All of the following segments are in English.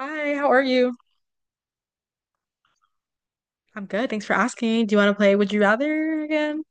Hi, how are you? I'm good. Thanks for asking. Do you want to play Would You Rather again?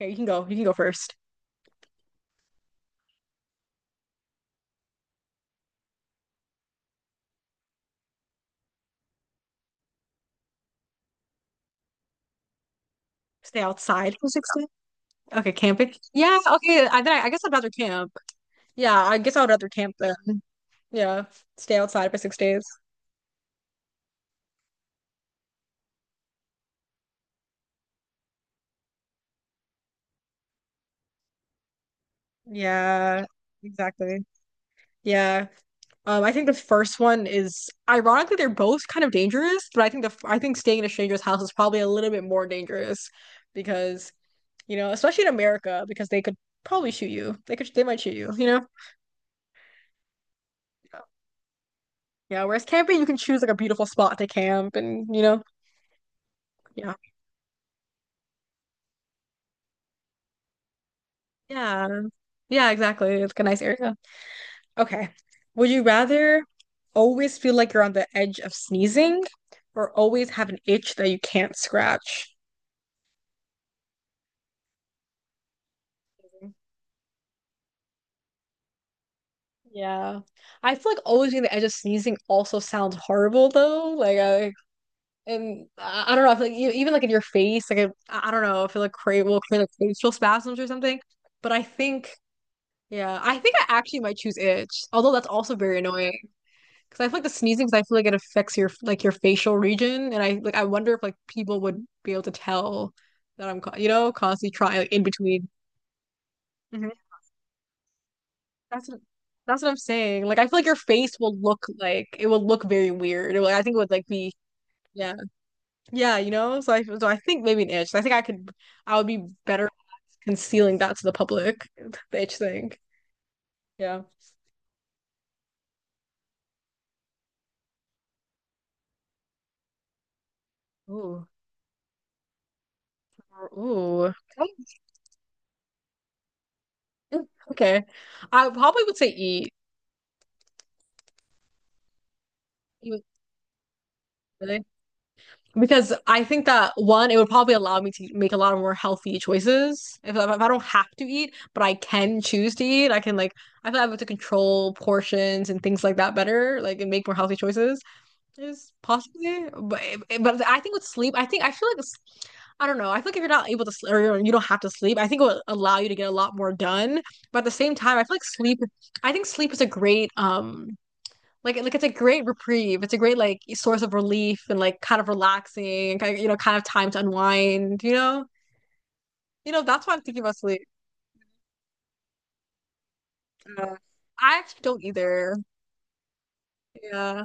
Here, you can go. You can go first. Stay outside for 6 days. Okay, camping. Yeah, okay. I guess I'd rather camp. Yeah, I guess I would rather camp then. Yeah, stay outside for 6 days. Yeah, exactly. Yeah. I think the first one is ironically they're both kind of dangerous, but I think I think staying in a stranger's house is probably a little bit more dangerous because, you know, especially in America, because they could probably shoot you. They might shoot you, you know? Yeah, whereas camping, you can choose like a beautiful spot to camp and, you know, yeah. Yeah. Yeah, exactly. It's like a nice area. Okay. Would you rather always feel like you're on the edge of sneezing or always have an itch that you can't scratch? Yeah. I feel like always being on the edge of sneezing also sounds horrible though. Like I, and I don't know, I feel like you, even like in your face, like I don't know, I feel like cra will create like facial spasms or something. But I think yeah, I think I actually might choose itch, although that's also very annoying. Because I feel like the sneezing, because I feel like it affects your like your facial region, and I like I wonder if like people would be able to tell that you know constantly trying like in between. Mhm. That's what, that's what I'm saying. Like I feel like your face will look like it will look very weird. I think it would like be yeah, yeah, you know. So I think maybe an itch. So I think I could, I would be better at concealing that to the public, the itch thing. Yeah. Ooh. Ooh. Okay. Okay. I probably would say eat. You would- really? Because I think that one, it would probably allow me to make a lot of more healthy choices. If I don't have to eat, but I can choose to eat, I can like, I feel like I'm able to control portions and things like that better, like, and make more healthy choices. Is possibly, but I think with sleep, I think I feel like I don't know. I feel like if you're not able to sleep or you don't have to sleep, I think it will allow you to get a lot more done. But at the same time, I feel like sleep. I think sleep is a great like it's a great reprieve. It's a great like source of relief and like kind of relaxing and kind of, you know, kind of time to unwind, you know? You know, that's why I'm thinking about sleep. Uh, I actually don't either. Yeah,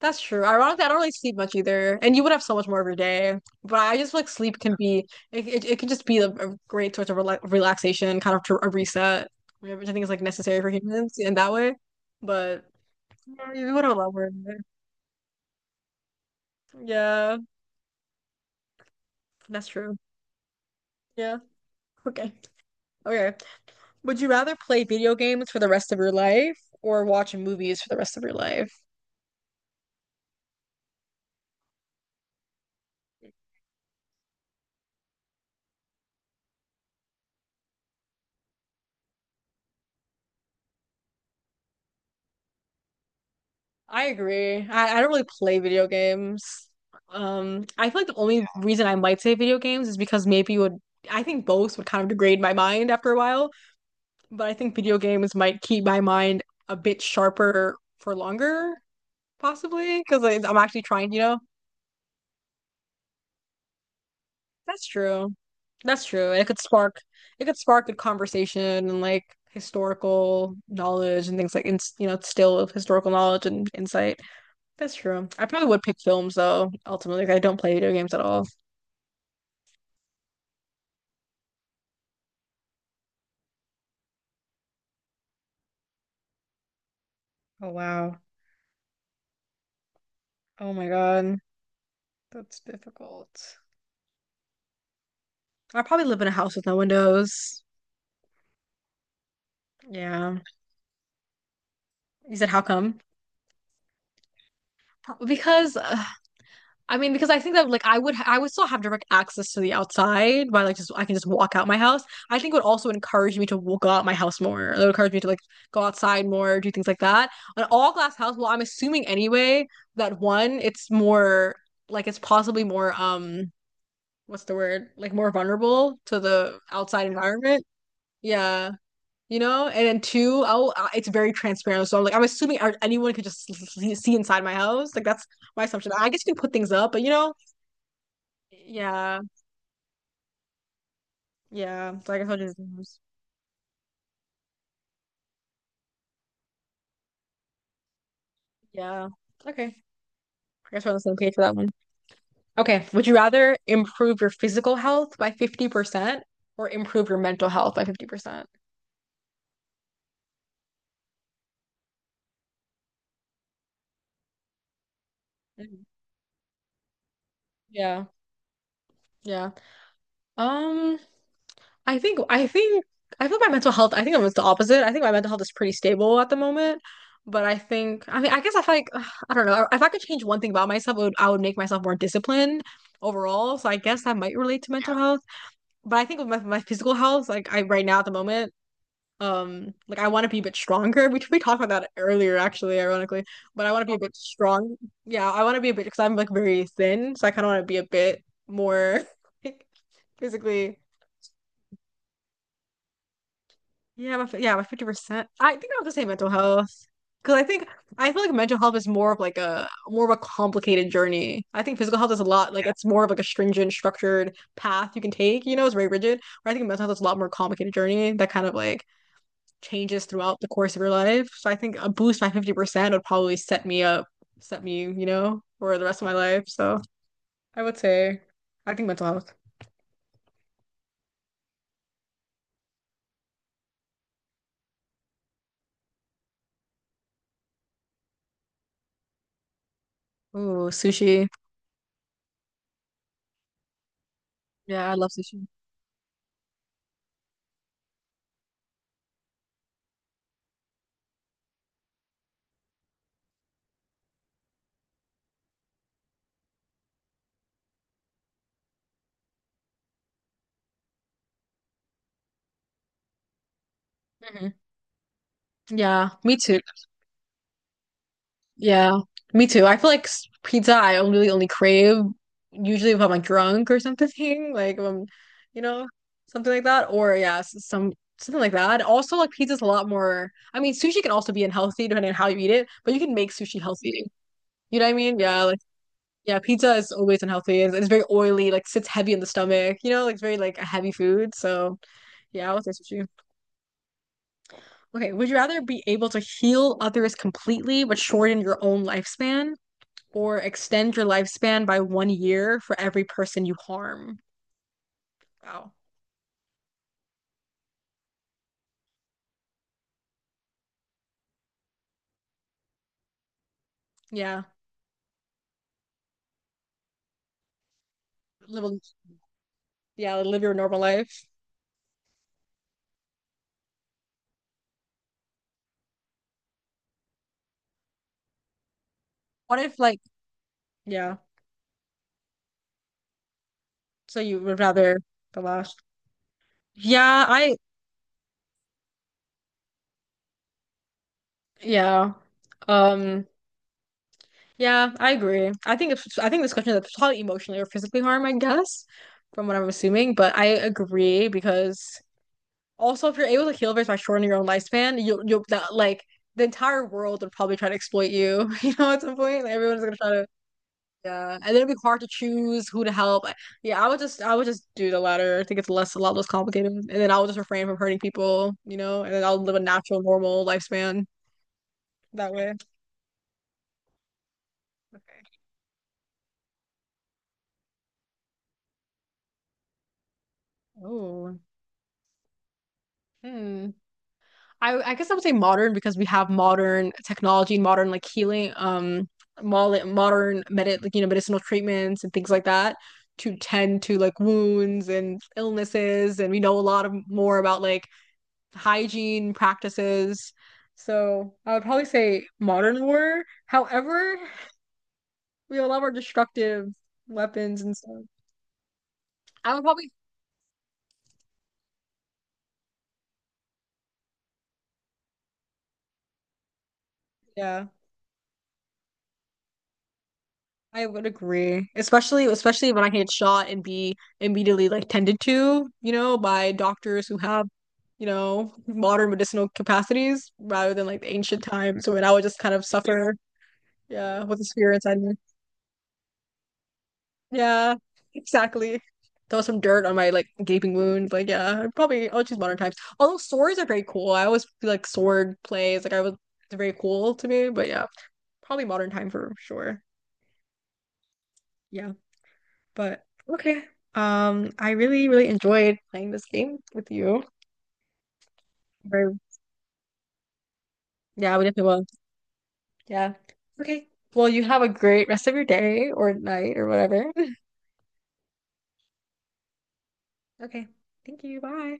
that's true. Ironically, I don't really sleep much either. And you would have so much more of your day. But I just feel like sleep can be it can just be a great source of relaxation, kind of to a reset, which I think is like necessary for humans in that way. But yeah, you would have a lot more of it. Yeah, that's true. Yeah. Okay. Okay. Would you rather play video games for the rest of your life or watch movies for the rest of your life? I agree. I don't really play video games. I feel like the only reason I might say video games is because maybe you would, I think both would kind of degrade my mind after a while, but I think video games might keep my mind a bit sharper for longer, possibly, because I'm actually trying, you know? That's true. That's true. And it could spark good conversation and like historical knowledge and things like ins you know, still of historical knowledge and insight. That's true. I probably would pick films though, ultimately. 'Cause I don't play video games at all. Oh, wow. Oh my God. That's difficult. I probably live in a house with no windows. Yeah. You said how come? Because I mean, because I think that like I would still have direct access to the outside by like just I can just walk out my house. I think it would also encourage me to go out my house more. It would encourage me to like go outside more, do things like that. An all glass house, well, I'm assuming anyway that one, it's more like it's possibly more what's the word? Like more vulnerable to the outside environment. Yeah. You know, and then two, oh, it's very transparent. So I'm like, I'm assuming anyone could just see inside my house. Like that's my assumption. I guess you can put things up, but you know, yeah, yeah. So I guess I will just, yeah. Okay. I guess we're on the same page for that one. Okay. Would you rather improve your physical health by 50% or improve your mental health by 50%? Mm. Yeah, yeah. Um, I think, I think, I feel my mental health, I think it was the opposite. I think my mental health is pretty stable at the moment. But I think, I mean, I guess if I, feel like ugh, I don't know, if I could change one thing about myself, I would make myself more disciplined overall. So I guess that might relate to mental health. But I think with my physical health, like I right now at the moment, like I want to be a bit stronger. We talked about that earlier, actually, ironically. But I want to be a bit strong. Yeah, I want to be a bit because I'm like very thin, so I kind of want to be a bit more like, physically. My 50%. I think I'll just say mental health because I think I feel like mental health is more of like a more of a complicated journey. I think physical health is a lot like it's more of like a stringent, structured path you can take. You know, it's very rigid. Where I think mental health is a lot more complicated journey that kind of like changes throughout the course of your life. So I think a boost by 50% would probably set me up, set me, you know, for the rest of my life. So I would say, I think mental health. Ooh, sushi. Yeah, I love sushi. Hmm. Yeah, me too. Yeah, me too. I feel like pizza I only really only crave usually if I'm like drunk or something, like if I'm, you know, something like that. Or yeah, something like that. Also, like pizza's a lot more. I mean, sushi can also be unhealthy depending on how you eat it, but you can make sushi healthy. You know what I mean? Yeah, like yeah, pizza is always unhealthy. It's very oily, like sits heavy in the stomach. You know, like it's very like a heavy food. So yeah, I'll say sushi. Okay, would you rather be able to heal others completely but shorten your own lifespan, or extend your lifespan by 1 year for every person you harm? Wow. Yeah. Live a, yeah, live your normal life. What if like yeah, so you would rather the last? Yeah, I yeah. Um Yeah, I agree. I think it's I think this question is probably emotionally or physically harm, I guess, from what I'm assuming. But I agree because also if you're able to heal this by shortening your own lifespan, you'll that like the entire world would probably try to exploit you, you know, at some point. Like everyone's gonna try to yeah. And then it'd be hard to choose who to help. I- yeah, I would just do the latter. I think it's less a lot less complicated. And then I will just refrain from hurting people, you know, and then I'll live a natural, normal lifespan that way. Okay. Oh. Hmm. I guess I would say modern because we have modern technology, modern like healing, modern medi like you know medicinal treatments and things like that to tend to like wounds and illnesses, and we know a lot of more about like hygiene practices. So I would probably say modern war. However, we have a lot more destructive weapons and stuff. I would probably yeah. I would agree, especially when I get shot and be immediately like tended to, you know, by doctors who have, you know, modern medicinal capacities rather than like the ancient times. So when I would just kind of suffer, yeah, with a spear inside me. Yeah, exactly. Throw some dirt on my like gaping wound. Like, yeah, I'll choose modern times. Although swords are very cool. I always feel like sword plays, like I was, it's very cool to me, but yeah, probably modern time for sure. Yeah. But okay. I really, really enjoyed playing this game with you. Or yeah, we definitely will. Yeah. Okay. Well, you have a great rest of your day or night or whatever. Okay. Thank you. Bye.